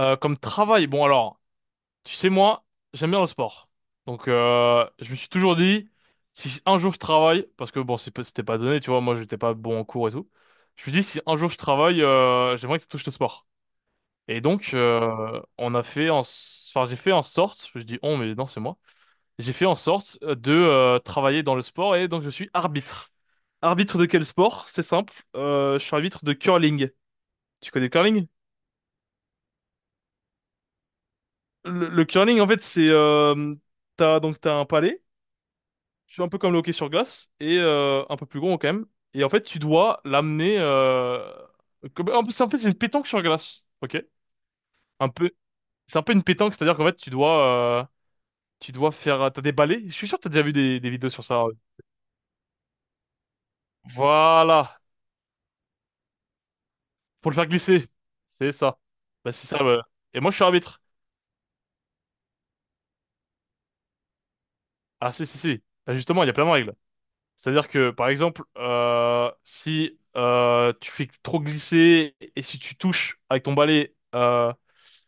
Comme travail, bon alors, tu sais moi, j'aime bien le sport. Donc je me suis toujours dit, si un jour je travaille, parce que bon, c'était pas donné, tu vois, moi j'étais pas bon en cours et tout. Je me suis dit, si un jour je travaille, j'aimerais que ça touche le sport. Et donc on a fait enfin j'ai fait en sorte, je dis on mais non c'est moi, j'ai fait en sorte de travailler dans le sport et donc je suis arbitre. Arbitre de quel sport? C'est simple, je suis arbitre de curling. Tu connais le curling? Le curling, en fait, c'est t'as donc t'as un palais, c'est un peu comme le hockey sur glace et un peu plus gros quand même. Et en fait, tu dois l'amener. En plus, en fait, c'est une pétanque sur glace. Ok. Un peu, c'est un peu une pétanque, c'est-à-dire qu'en fait, tu dois faire, t'as des balais. Je suis sûr que t'as déjà vu des vidéos sur ça. Ouais. Voilà, pour le faire glisser, c'est ça. Bah c'est ça. Ouais. Et moi, je suis arbitre. Ah si si si. Bah, justement, il y a plein de règles. C'est-à-dire que, par exemple, si tu fais trop glisser et si tu touches avec ton balai,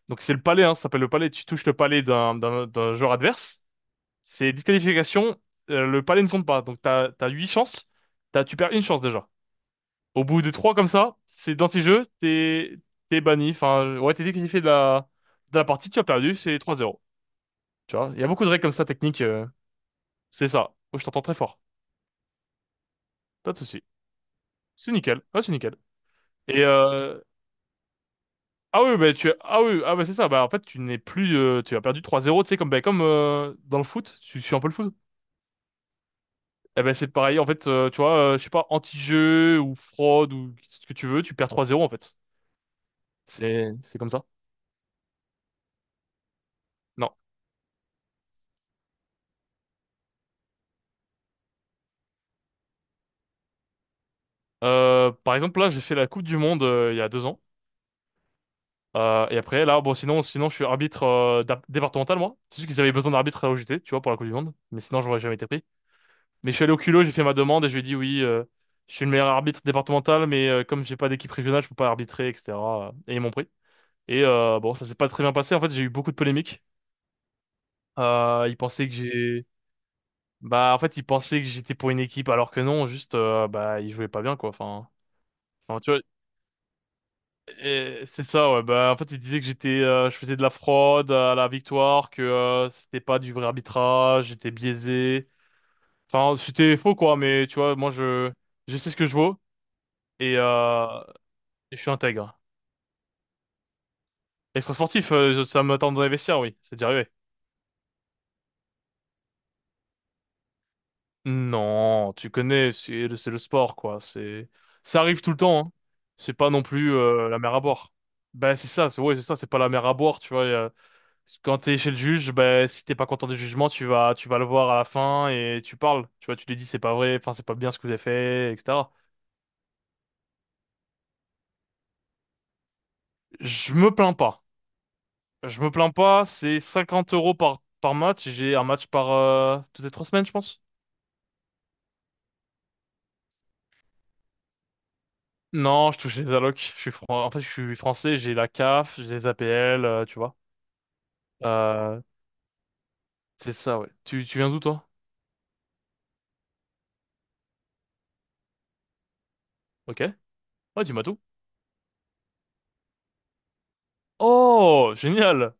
donc c'est le palais, hein, ça s'appelle le palais, tu touches le palais d'un joueur adverse, c'est disqualification, le palais ne compte pas. Donc t'as huit chances, t'as tu perds une chance déjà. Au bout de trois comme ça, c'est d'anti-jeu, t'es banni, enfin ouais t'es disqualifié de la partie, tu as perdu, c'est 3-0. Tu vois, il y a beaucoup de règles comme ça techniques, c'est ça. Oh, je t'entends très fort, pas de souci. C'est nickel, ouais c'est nickel. Et euh, Ah oui, bah, tu ah oui, ah bah, c'est ça. Bah, en fait, tu n'es plus, tu as perdu 3-0, tu sais, comme, bah, comme dans le foot, tu suis un peu le foot. Eh ben, c'est pareil, en fait, tu vois, je sais pas, anti-jeu ou fraude ou ce que tu veux, tu perds 3-0, en fait. C'est comme ça. Non. Par exemple, là, j'ai fait la Coupe du Monde il y a 2 ans. Et après, là, bon, sinon, je suis arbitre départemental, moi. C'est juste qu'ils avaient besoin d'arbitre à l'OJT, tu vois, pour la Coupe du Monde. Mais sinon, j'aurais jamais été pris. Mais je suis allé au culot, j'ai fait ma demande et je lui ai dit oui, je suis le meilleur arbitre départemental, mais comme j'ai pas d'équipe régionale, je peux pas arbitrer, etc. Et ils m'ont pris. Et bon, ça s'est pas très bien passé. En fait, j'ai eu beaucoup de polémiques. Ils pensaient que j'ai, bah, en fait, ils pensaient que j'étais pour une équipe, alors que non, juste, bah, ils jouaient pas bien, quoi. Enfin, tu vois, et c'est ça, ouais. Bah, en fait, ils disaient que j'étais, je faisais de la fraude à la victoire, que c'était pas du vrai arbitrage, j'étais biaisé. Enfin, c'était faux, quoi. Mais tu vois, moi, je sais ce que je vaux. Et, euh, Je suis intègre. Extra-sportif, ça m'attend dans les vestiaires, oui. C'est déjà arrivé. Non, tu connais, c'est le sport, quoi. C'est, ça arrive tout le temps, hein. C'est pas non plus la mer à boire. Ben c'est ça, c'est ouais, c'est ça, c'est pas la mer à boire, tu vois. Quand t'es chez le juge, ben si t'es pas content du jugement, tu vas le voir à la fin et tu parles. Tu vois, tu lui dis c'est pas vrai, enfin c'est pas bien ce que vous avez fait, etc. Je me plains pas. Je me plains pas. C'est 50 € par match. J'ai un match par toutes les 3 semaines, je pense. Non, je touche les allocs. En fait, je suis français, j'ai la CAF, j'ai les APL, tu vois. Euh, c'est ça, ouais. Tu viens d'où, toi? Ok. Ouais, dis-moi tout. Oh, génial.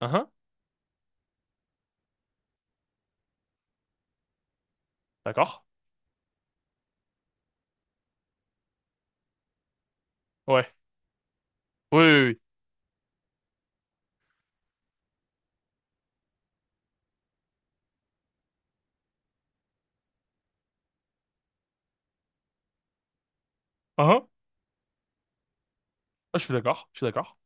Hein, d'accord. Ouais. Oui, oui, oui. Hein, ah, ah, je suis d'accord. Je suis d'accord.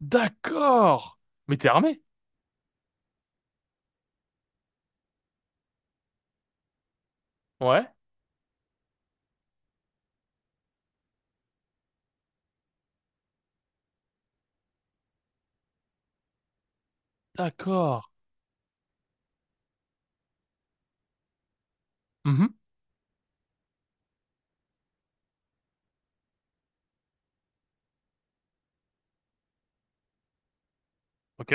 D'accord. Mais t'es armé? Ouais. D'accord. Mhm. Ok.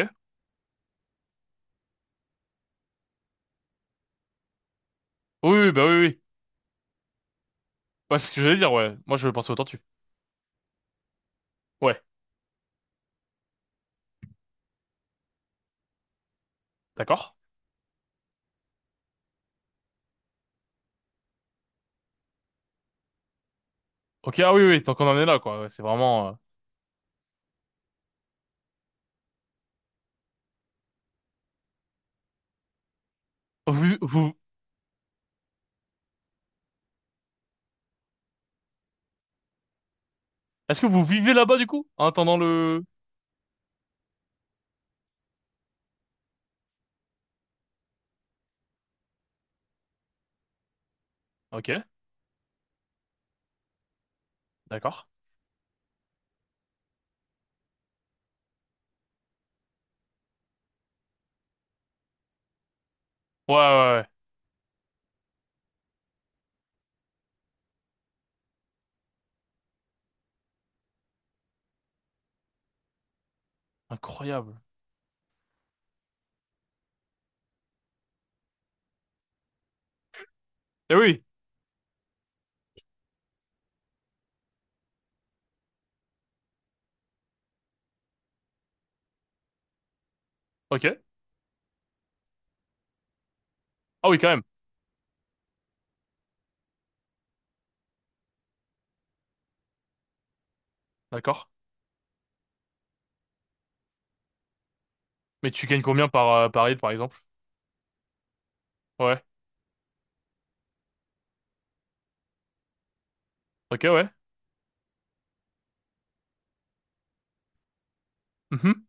Oui, oui, bah oui, oui. Ouais, c'est ce que j'allais dire, ouais. Moi, je pensais aux tortues. Ouais. D'accord. Ok, ah oui, oui, tant qu'on en est là, quoi. Ouais, c'est vraiment... Vous, vous... Est-ce que vous vivez là-bas, du coup? En attendant le... Ok. D'accord. Ouais, ouais, ouais. Incroyable. Eh oui, ok. Ah oui, quand même. D'accord. Mais tu gagnes combien par lead, par exemple? Ouais. Ok, ouais. Mhm.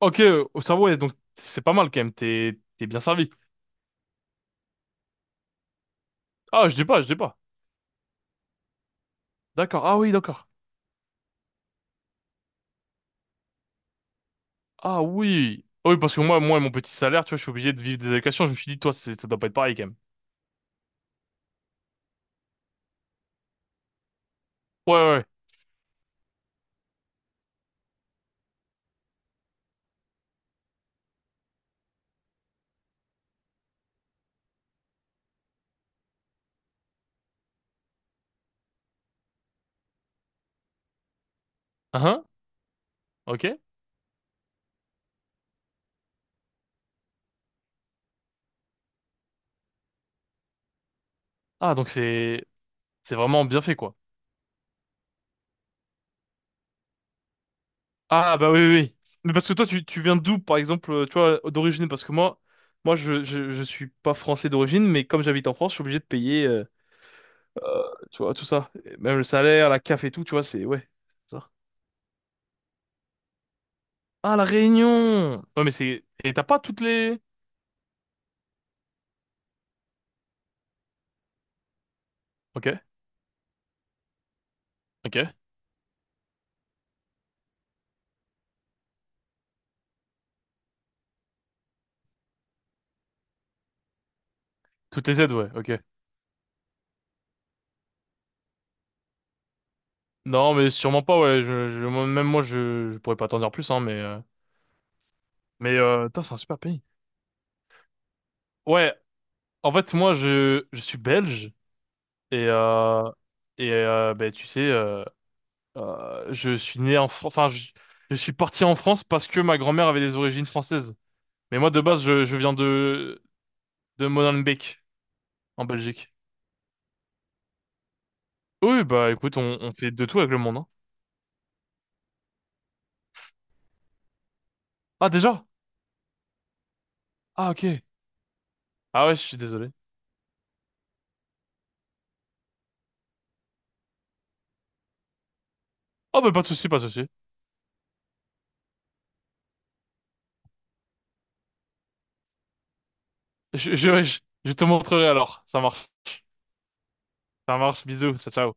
Ok, au cerveau, ouais, donc c'est pas mal quand même. T'es bien servi. Ah, je dis pas, je dis pas. D'accord. Ah oui, d'accord. Ah oui. Ah oui, parce que moi, mon petit salaire, tu vois, je suis obligé de vivre des allocations. Je me suis dit, toi, ça doit pas être pareil quand même. Ouais, ouais. Ouais. Hein? Ok. Ah, donc c'est vraiment bien fait, quoi. Ah bah oui oui. Oui. Mais parce que toi tu viens d'où par exemple, tu vois, d'origine parce que moi je suis pas français d'origine mais comme j'habite en France, je suis obligé de payer euh, tu vois tout ça, et même le salaire, la CAF et tout, tu vois, c'est ouais, c'est ça. Ah la Réunion. Ouais mais c'est et t'as pas toutes les OK, OK. Toutes les aides, ouais, OK. Non, mais sûrement pas ouais, je moi- même moi je pourrais pas t'en dire plus hein mais putain, c'est un super pays. Ouais, en fait moi je suis belge et euh, et ben tu sais je suis né en France, enfin, je suis parti en France parce que ma grand-mère avait des origines françaises. Mais moi, de base, je viens de Molenbeek, en Belgique. Oui, bah écoute, on fait de tout avec le monde, hein. Ah, déjà? Ah, ok. Ah ouais, je suis désolé. Oh, bah pas de souci, pas de souci. Je te montrerai alors. Ça marche, bisous, ciao, ciao.